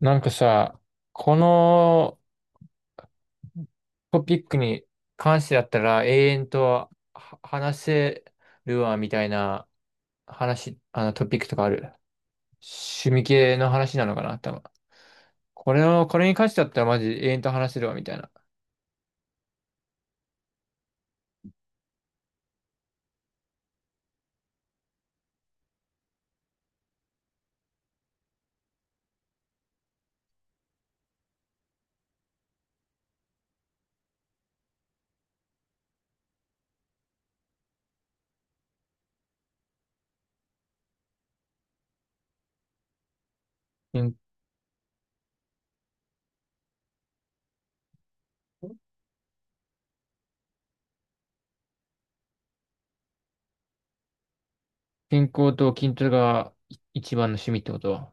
なんかさ、このトピックに関してだったら永遠とは話せるわみたいな話、トピックとかある。趣味系の話なのかな、多分。これに関してだったらマジ永遠と話せるわみたいな。健健康と筋トレが一番の趣味ってこと？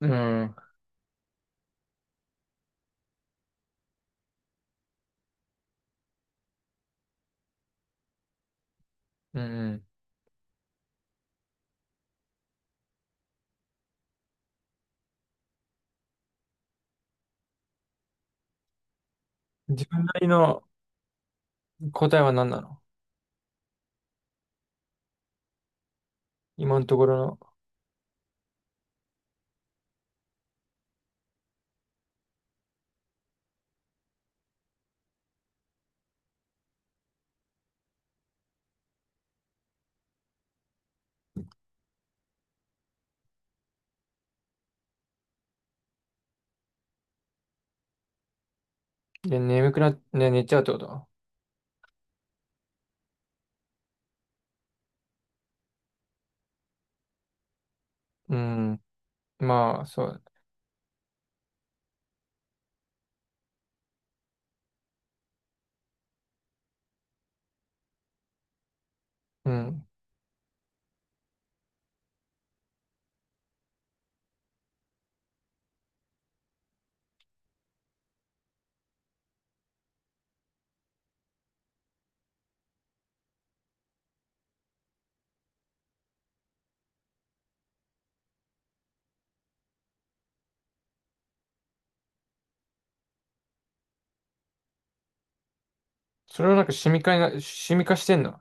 うん。うん。自分なりの答えは何なの今のところ？で眠くな、ね、寝ちゃうってこと？うん。まあ、そう。うん。それは趣味化してんの？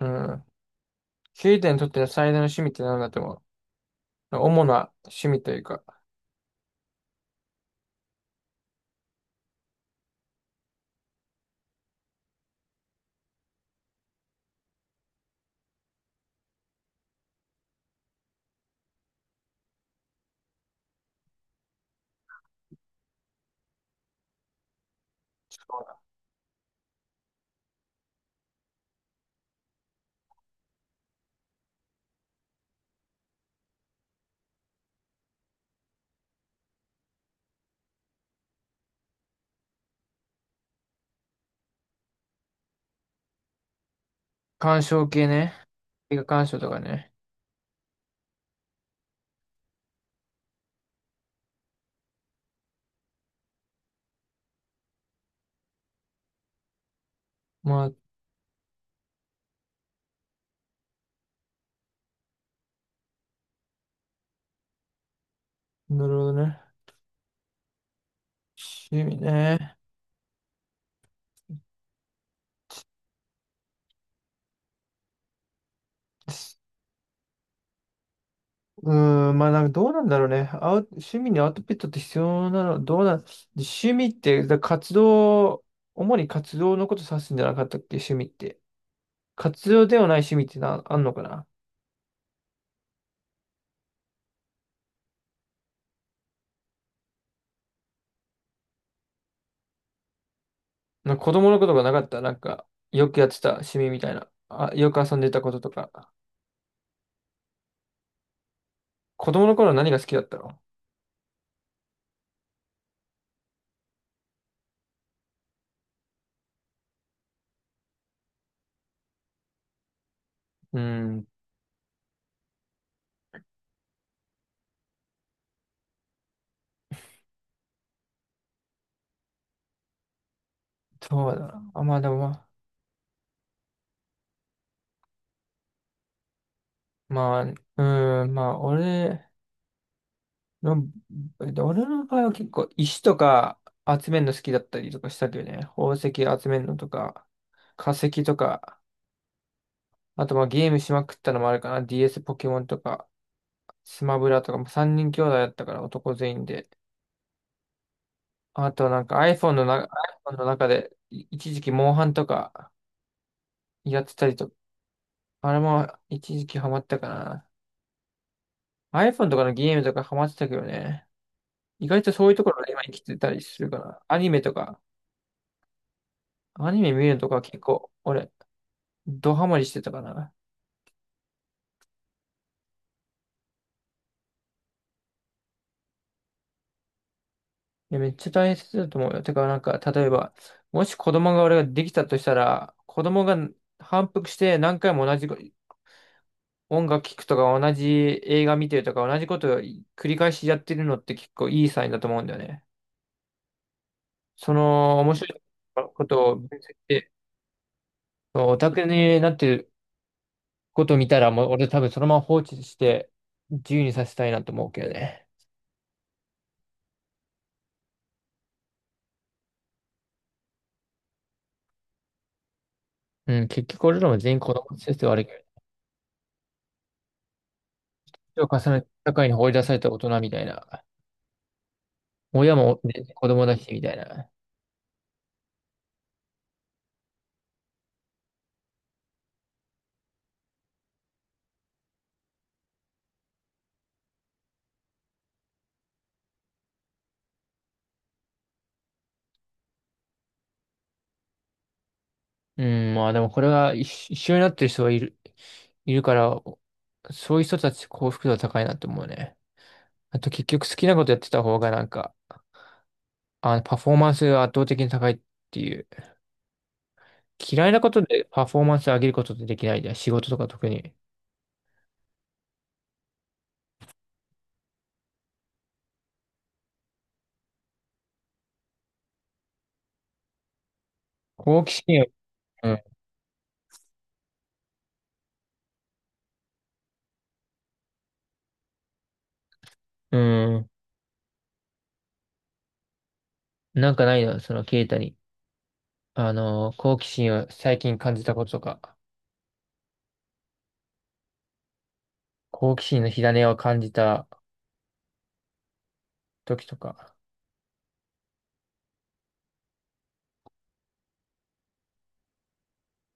うん。ケイタにとっての最大の趣味って何だと思う？主な趣味というか、鑑賞系ね。映画鑑賞とかね。まあ、なるほどね。趣味ね。うーん、まあどうなんだろうね。趣味にアウトプットって必要なの、どうなん、趣味って、活動、主に活動のこと指すんじゃなかったっけ、趣味って。活動ではない趣味ってあんのかな？なんか子供のことがなかった。なんか、よくやってた趣味みたいな。あ、よく遊んでたこととか。子供の頃何が好きだったの？うーん、そうだな。あ、まあでもまあ、まあ、うーん、の、俺の場合は結構石とか集めるの好きだったりとかしたけどね。宝石集めるのとか、化石とか、あとまあゲームしまくったのもあるかな。DS、 ポケモンとか、スマブラとか、3人兄弟だったから男全員で。あとiPhone のiPhone の中で一時期モンハンとかやってたりとか、あれも一時期ハマったかな。iPhone とかのゲームとかハマってたけどね。意外とそういうところが今生きてたりするから。アニメとか、アニメ見るのとか結構俺、ドハマりしてたかな。いや、めっちゃ大切だと思うよ。てか、なんか、例えば、もし子供が俺ができたとしたら、子供が反復して何回も同じ音楽聴くとか同じ映画見てるとか同じことを繰り返しやってるのって結構いいサインだと思うんだよね。その面白いことを分析して、オタクになってることを見たらもう俺多分そのまま放置して自由にさせたいなと思うけどね。うん、結局俺らも全員子供先生悪いけど、年を重ねて社会に放り出された大人みたいな。親もね子供だしみたいな。うん、まあでもこれが一緒になってる人がいる、いるから、そういう人たち幸福度は高いなって思うね。あと結局好きなことやってた方がなんか、あの、パフォーマンスが圧倒的に高いっていう。嫌いなことでパフォーマンス上げることってできないじゃん。仕事とか特に。好奇心を、うん、うん、なんかないの、そのケイタに。あの、好奇心を最近感じたこととか、好奇心の火種を感じた時とか。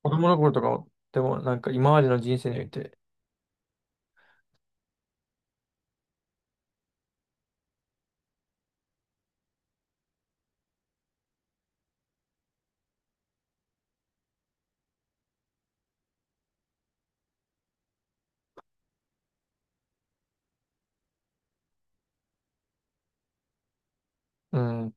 子供の頃とかでもなんか今までの人生において、うん。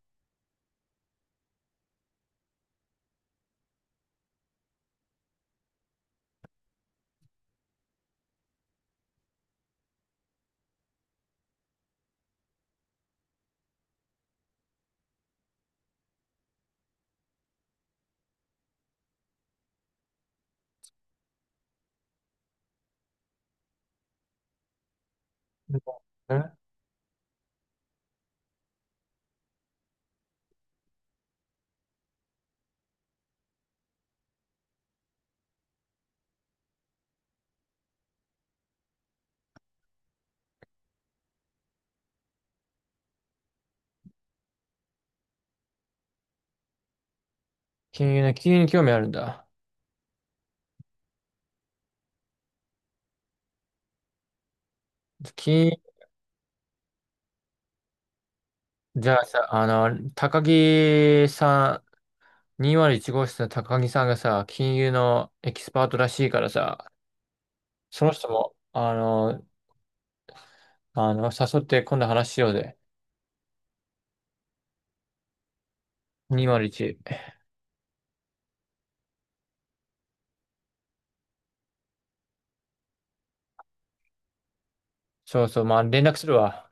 なんかね。金融ね、金融に興味あるんだ。金、じゃあさ、あの、高木さ201号室の高木さんがさ、金融のエキスパートらしいからさ、その人も、あの、あの、誘って今度話しようぜ。201。そうそう、まあ連絡するわ。